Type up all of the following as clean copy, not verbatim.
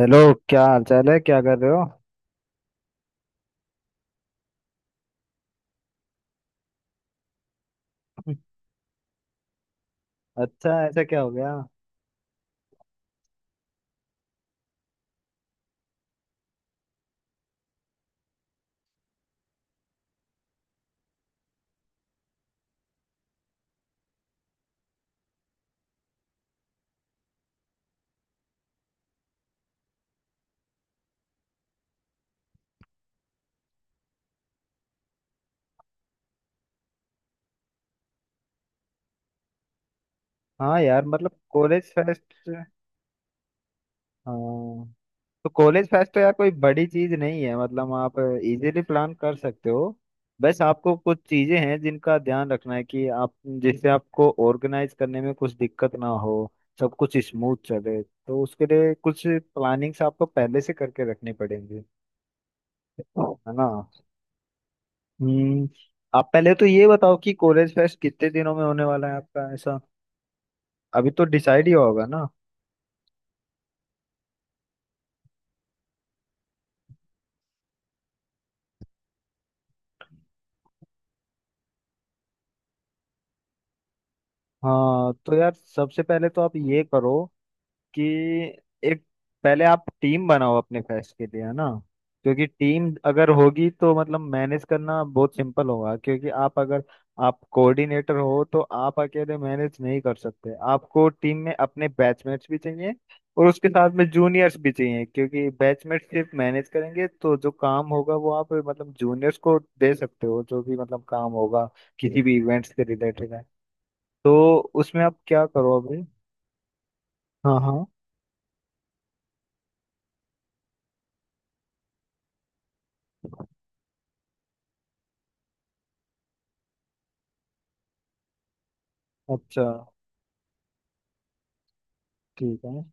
Hello. क्या हाल चाल है, क्या कर रहे हो? अच्छा, ऐसा क्या हो गया? हाँ यार, मतलब कॉलेज फेस्ट। हाँ, तो कॉलेज फेस्ट तो यार कोई बड़ी चीज नहीं है, मतलब आप इजीली प्लान कर सकते हो। बस आपको कुछ चीजें हैं जिनका ध्यान रखना है कि आप, जिससे आपको ऑर्गेनाइज करने में कुछ दिक्कत ना हो, सब कुछ स्मूथ चले, तो उसके लिए कुछ प्लानिंग्स आपको पहले से करके रखनी पड़ेंगी, है ना? हम्म आप पहले तो ये बताओ कि कॉलेज फेस्ट कितने दिनों में होने वाला है आपका, ऐसा अभी तो डिसाइड ही होगा ना? हाँ, तो यार सबसे पहले तो आप ये करो कि एक पहले आप टीम बनाओ अपने फेस्ट के लिए, है ना? क्योंकि टीम अगर होगी तो मतलब मैनेज करना बहुत सिंपल होगा, क्योंकि आप अगर आप कोऑर्डिनेटर हो तो आप अकेले मैनेज नहीं कर सकते, आपको टीम में अपने बैचमेट्स भी चाहिए और उसके साथ में जूनियर्स भी चाहिए, क्योंकि बैचमेट सिर्फ मैनेज करेंगे तो जो काम होगा वो आप मतलब जूनियर्स को दे सकते हो, जो भी मतलब काम होगा किसी भी इवेंट्स के रिलेटेड है। तो उसमें आप क्या करो अभी। हाँ हाँ। अच्छा, ठीक है।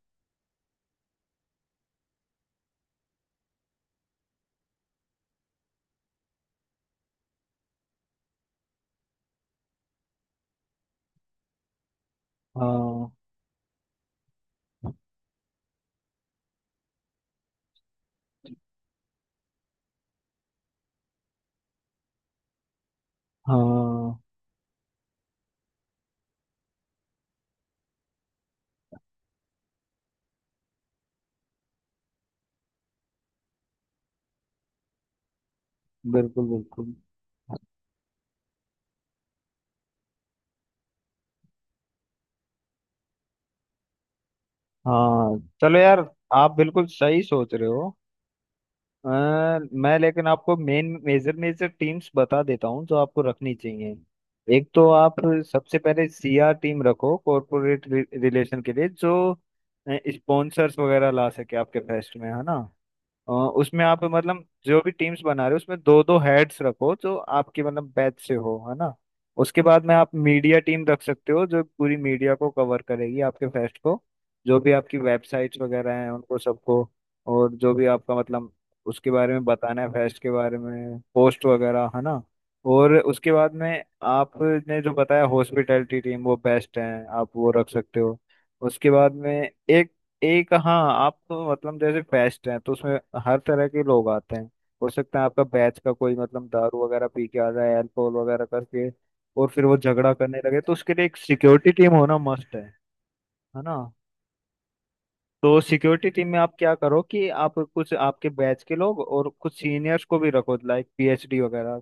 हाँ हाँ, बिल्कुल बिल्कुल। हाँ चलो यार, आप बिल्कुल सही सोच रहे हो। अ, मैं लेकिन आपको मेन मेजर मेजर टीम्स बता देता हूँ जो आपको रखनी चाहिए। एक तो आप सबसे पहले सीआर टीम रखो कॉरपोरेट रिलेशन के लिए, जो स्पॉन्सर्स वगैरह ला सके आपके फेस्ट में, है ना? उसमें आप मतलब जो भी टीम्स बना रहे हो उसमें दो दो हेड्स रखो जो आपके मतलब बैच से हो, है ना? उसके बाद में आप मीडिया टीम रख सकते हो जो पूरी मीडिया को कवर करेगी आपके फेस्ट को, जो भी आपकी वेबसाइट्स वगैरह हैं उनको सबको। और जो भी आपका मतलब उसके बारे में बताना है फेस्ट के बारे में, पोस्ट वगैरह, है ना? और उसके बाद में आपने जो बताया हॉस्पिटैलिटी टीम, वो बेस्ट है, आप वो रख सकते हो। उसके बाद में एक एक हाँ, आप तो मतलब जैसे फेस्ट है तो उसमें हर तरह के लोग आते हैं। हो सकता है आपका बैच का कोई मतलब दारू वगैरह पी के आ जाए, अल्कोहल वगैरह करके, और फिर वो झगड़ा करने लगे, तो उसके लिए एक सिक्योरिटी टीम होना मस्ट है ना? तो सिक्योरिटी टीम में आप क्या करो कि आप कुछ आपके बैच के लोग और कुछ सीनियर्स को भी रखो, लाइक पीएचडी वगैरह,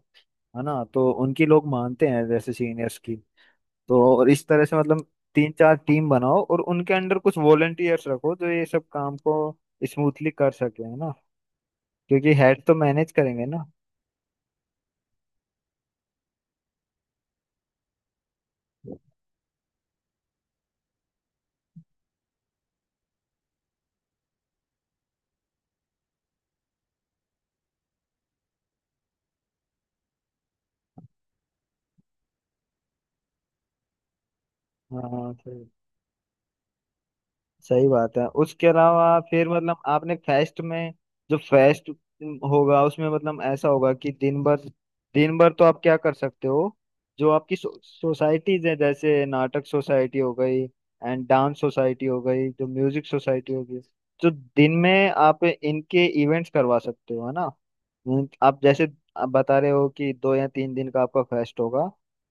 है ना? तो उनकी लोग मानते हैं जैसे सीनियर्स की। तो और इस तरह से मतलब तीन चार टीम बनाओ और उनके अंडर कुछ वॉलेंटियर्स रखो जो ये सब काम को स्मूथली कर सके, है ना? क्योंकि हेड तो मैनेज करेंगे ना। हाँ सही बात है। उसके अलावा फिर मतलब आपने फेस्ट में, जो फेस्ट होगा उसमें मतलब ऐसा होगा कि दिन भर, दिन भर तो आप क्या कर सकते हो, जो आपकी सोसाइटीज है, जैसे नाटक सोसाइटी हो गई एंड डांस सोसाइटी हो गई, जो म्यूजिक सोसाइटी हो गई, तो दिन में आप इनके इवेंट्स करवा सकते हो, है ना? आप जैसे आप बता रहे हो कि 2 या 3 दिन का आपका फेस्ट होगा,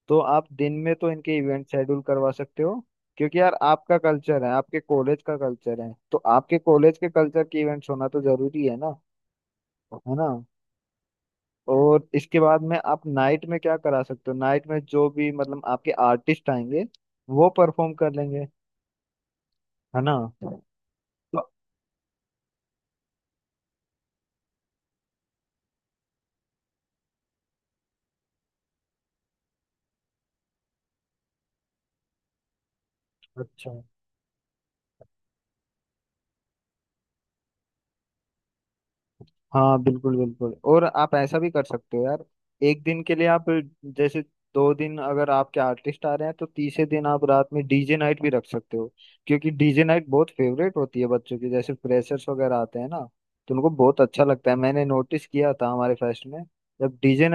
तो आप दिन में तो इनके इवेंट शेड्यूल करवा सकते हो, क्योंकि यार आपका कल्चर है, आपके कॉलेज का कल्चर है, तो आपके कॉलेज के कल्चर की इवेंट्स होना तो जरूरी है ना, है ना? और इसके बाद में आप नाइट में क्या करा सकते हो, नाइट में जो भी मतलब आपके आर्टिस्ट आएंगे वो परफॉर्म कर लेंगे, है ना? तो- अच्छा। हाँ बिल्कुल बिल्कुल, और आप ऐसा भी कर सकते हो यार, एक दिन के लिए आप, जैसे 2 दिन अगर आपके आर्टिस्ट आ रहे हैं तो तीसरे दिन आप रात में डीजे नाइट भी रख सकते हो, क्योंकि डीजे नाइट बहुत फेवरेट होती है बच्चों की, जैसे फ्रेशर्स वगैरह आते हैं ना, तो उनको बहुत अच्छा लगता है। मैंने नोटिस किया था हमारे फेस्ट में, जब डीजे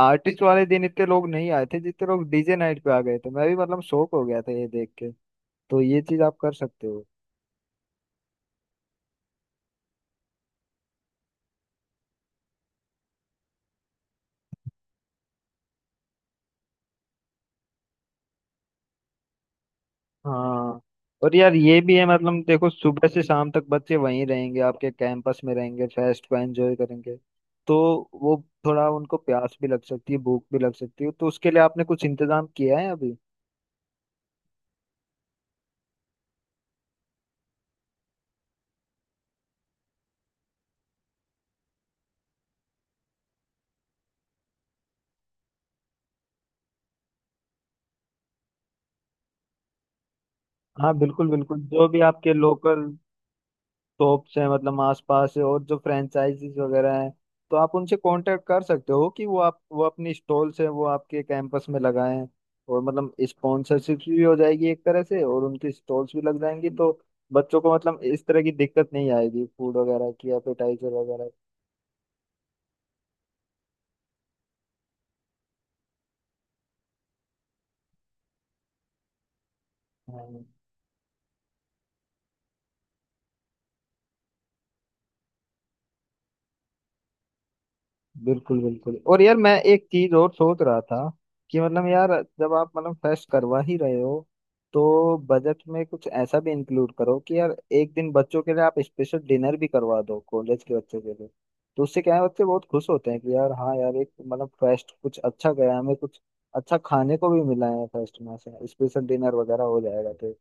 आर्टिस्ट वाले दिन इतने लोग नहीं आए थे जितने लोग डीजे नाइट पे आ गए थे, मैं भी मतलब शौक हो गया था ये देख के। तो ये चीज आप कर सकते हो। हाँ, और यार ये भी है, मतलब देखो, सुबह से शाम तक बच्चे वहीं रहेंगे, आपके कैंपस में रहेंगे, फेस्ट को एंजॉय करेंगे, तो वो, थोड़ा उनको प्यास भी लग सकती है, भूख भी लग सकती है, तो उसके लिए आपने कुछ इंतजाम किया है अभी? हाँ बिल्कुल बिल्कुल, जो भी आपके लोकल शॉप्स हैं मतलब आसपास है, और जो फ्रेंचाइजीज वगैरह हैं, तो आप उनसे कांटेक्ट कर सकते हो कि वो, आप वो अपनी स्टॉल्स हैं वो आपके कैंपस में लगाएं, और मतलब स्पॉन्सरशिप भी हो जाएगी एक तरह से, और उनकी स्टॉल्स भी लग जाएंगी, तो बच्चों को मतलब इस तरह की दिक्कत नहीं आएगी फूड वगैरह की, एपेटाइजर वगैरह की। हाँ बिल्कुल बिल्कुल, और यार मैं एक चीज और सोच रहा था कि मतलब यार, जब आप मतलब फेस्ट करवा ही रहे हो तो बजट में कुछ ऐसा भी इंक्लूड करो कि यार एक दिन बच्चों के लिए आप स्पेशल डिनर भी करवा दो, कॉलेज के बच्चों के लिए। तो उससे क्या है, बच्चे बहुत खुश होते हैं कि यार, हाँ यार, एक मतलब फेस्ट कुछ अच्छा गया हमें, कुछ अच्छा खाने को भी मिला है फेस्ट में, ऐसा स्पेशल डिनर वगैरह हो जाएगा तो।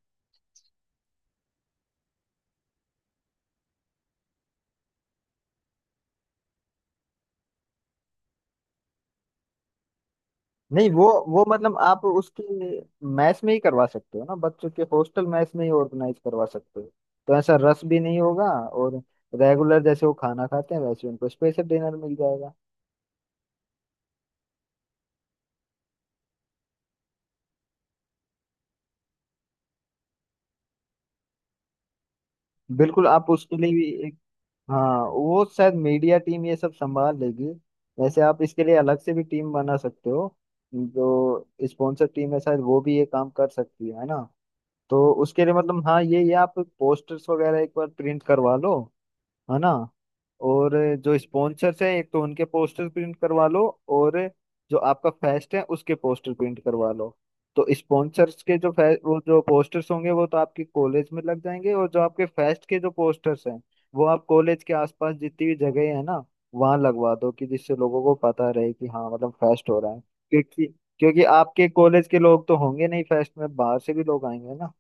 नहीं, वो मतलब आप उसकी मैच में ही करवा सकते हो ना, बच्चों के हॉस्टल मैच में ही ऑर्गेनाइज करवा सकते हो, तो ऐसा रस भी नहीं होगा, और रेगुलर जैसे वो खाना खाते हैं वैसे उनको स्पेशल डिनर मिल जाएगा। बिल्कुल, आप उसके लिए भी एक हाँ, वो शायद मीडिया टीम ये सब संभाल लेगी, वैसे आप इसके लिए अलग से भी टीम बना सकते हो, जो स्पॉन्सर टीम है शायद वो भी ये काम कर सकती है ना? तो उसके लिए मतलब हाँ, ये आप पोस्टर्स वगैरह एक बार प्रिंट करवा लो, है ना? और जो स्पॉन्सर्स हैं, एक तो उनके पोस्टर प्रिंट करवा लो, और जो आपका फेस्ट है उसके पोस्टर प्रिंट करवा लो। तो स्पॉन्सर्स के जो वो जो पोस्टर्स होंगे वो तो आपके कॉलेज में लग जाएंगे, और जो आपके फेस्ट के जो पोस्टर्स हैं वो आप कॉलेज के आसपास जितनी भी जगह है ना, वहां लगवा दो, कि जिससे लोगों को पता रहे कि हाँ मतलब फेस्ट हो रहा है, क्योंकि क्योंकि आपके कॉलेज के लोग तो होंगे नहीं फेस्ट में, बाहर से भी लोग आएंगे ना।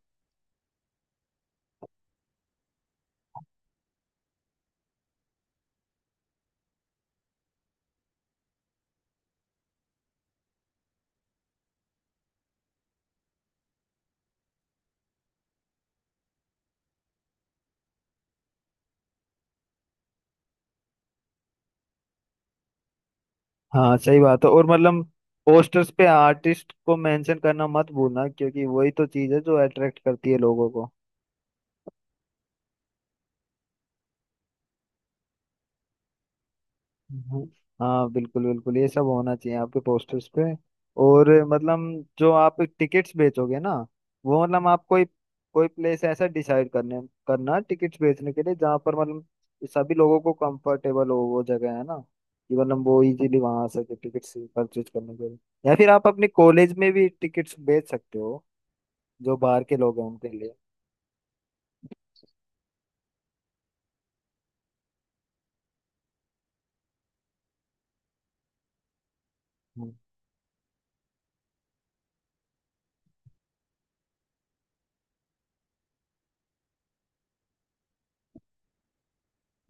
हाँ सही बात है, और मतलब पोस्टर्स पे आर्टिस्ट को मेंशन करना मत भूलना, क्योंकि वही तो चीज है जो अट्रैक्ट करती है लोगों को। हम्म। हाँ बिल्कुल बिल्कुल, ये सब होना चाहिए आपके पोस्टर्स पे। और मतलब जो आप टिकट्स बेचोगे ना, वो मतलब आप कोई कोई प्लेस ऐसा डिसाइड करने करना टिकट्स बेचने के लिए, जहाँ पर मतलब सभी लोगों को कंफर्टेबल हो वो जगह, है ना? कि मतलब वो इजीली वहां आ सके टिकट्स परचेज करने के लिए, या फिर आप अपने कॉलेज में भी टिकट्स बेच सकते हो जो बाहर के लोग हैं उनके लिए। हम्म।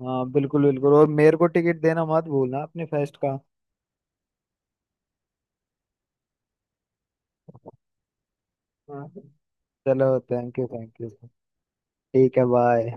हाँ बिल्कुल बिल्कुल, और मेरे को टिकट देना मत भूलना अपने फेस्ट का। हाँ चलो, थैंक यू थैंक यू। ठीक है, बाय।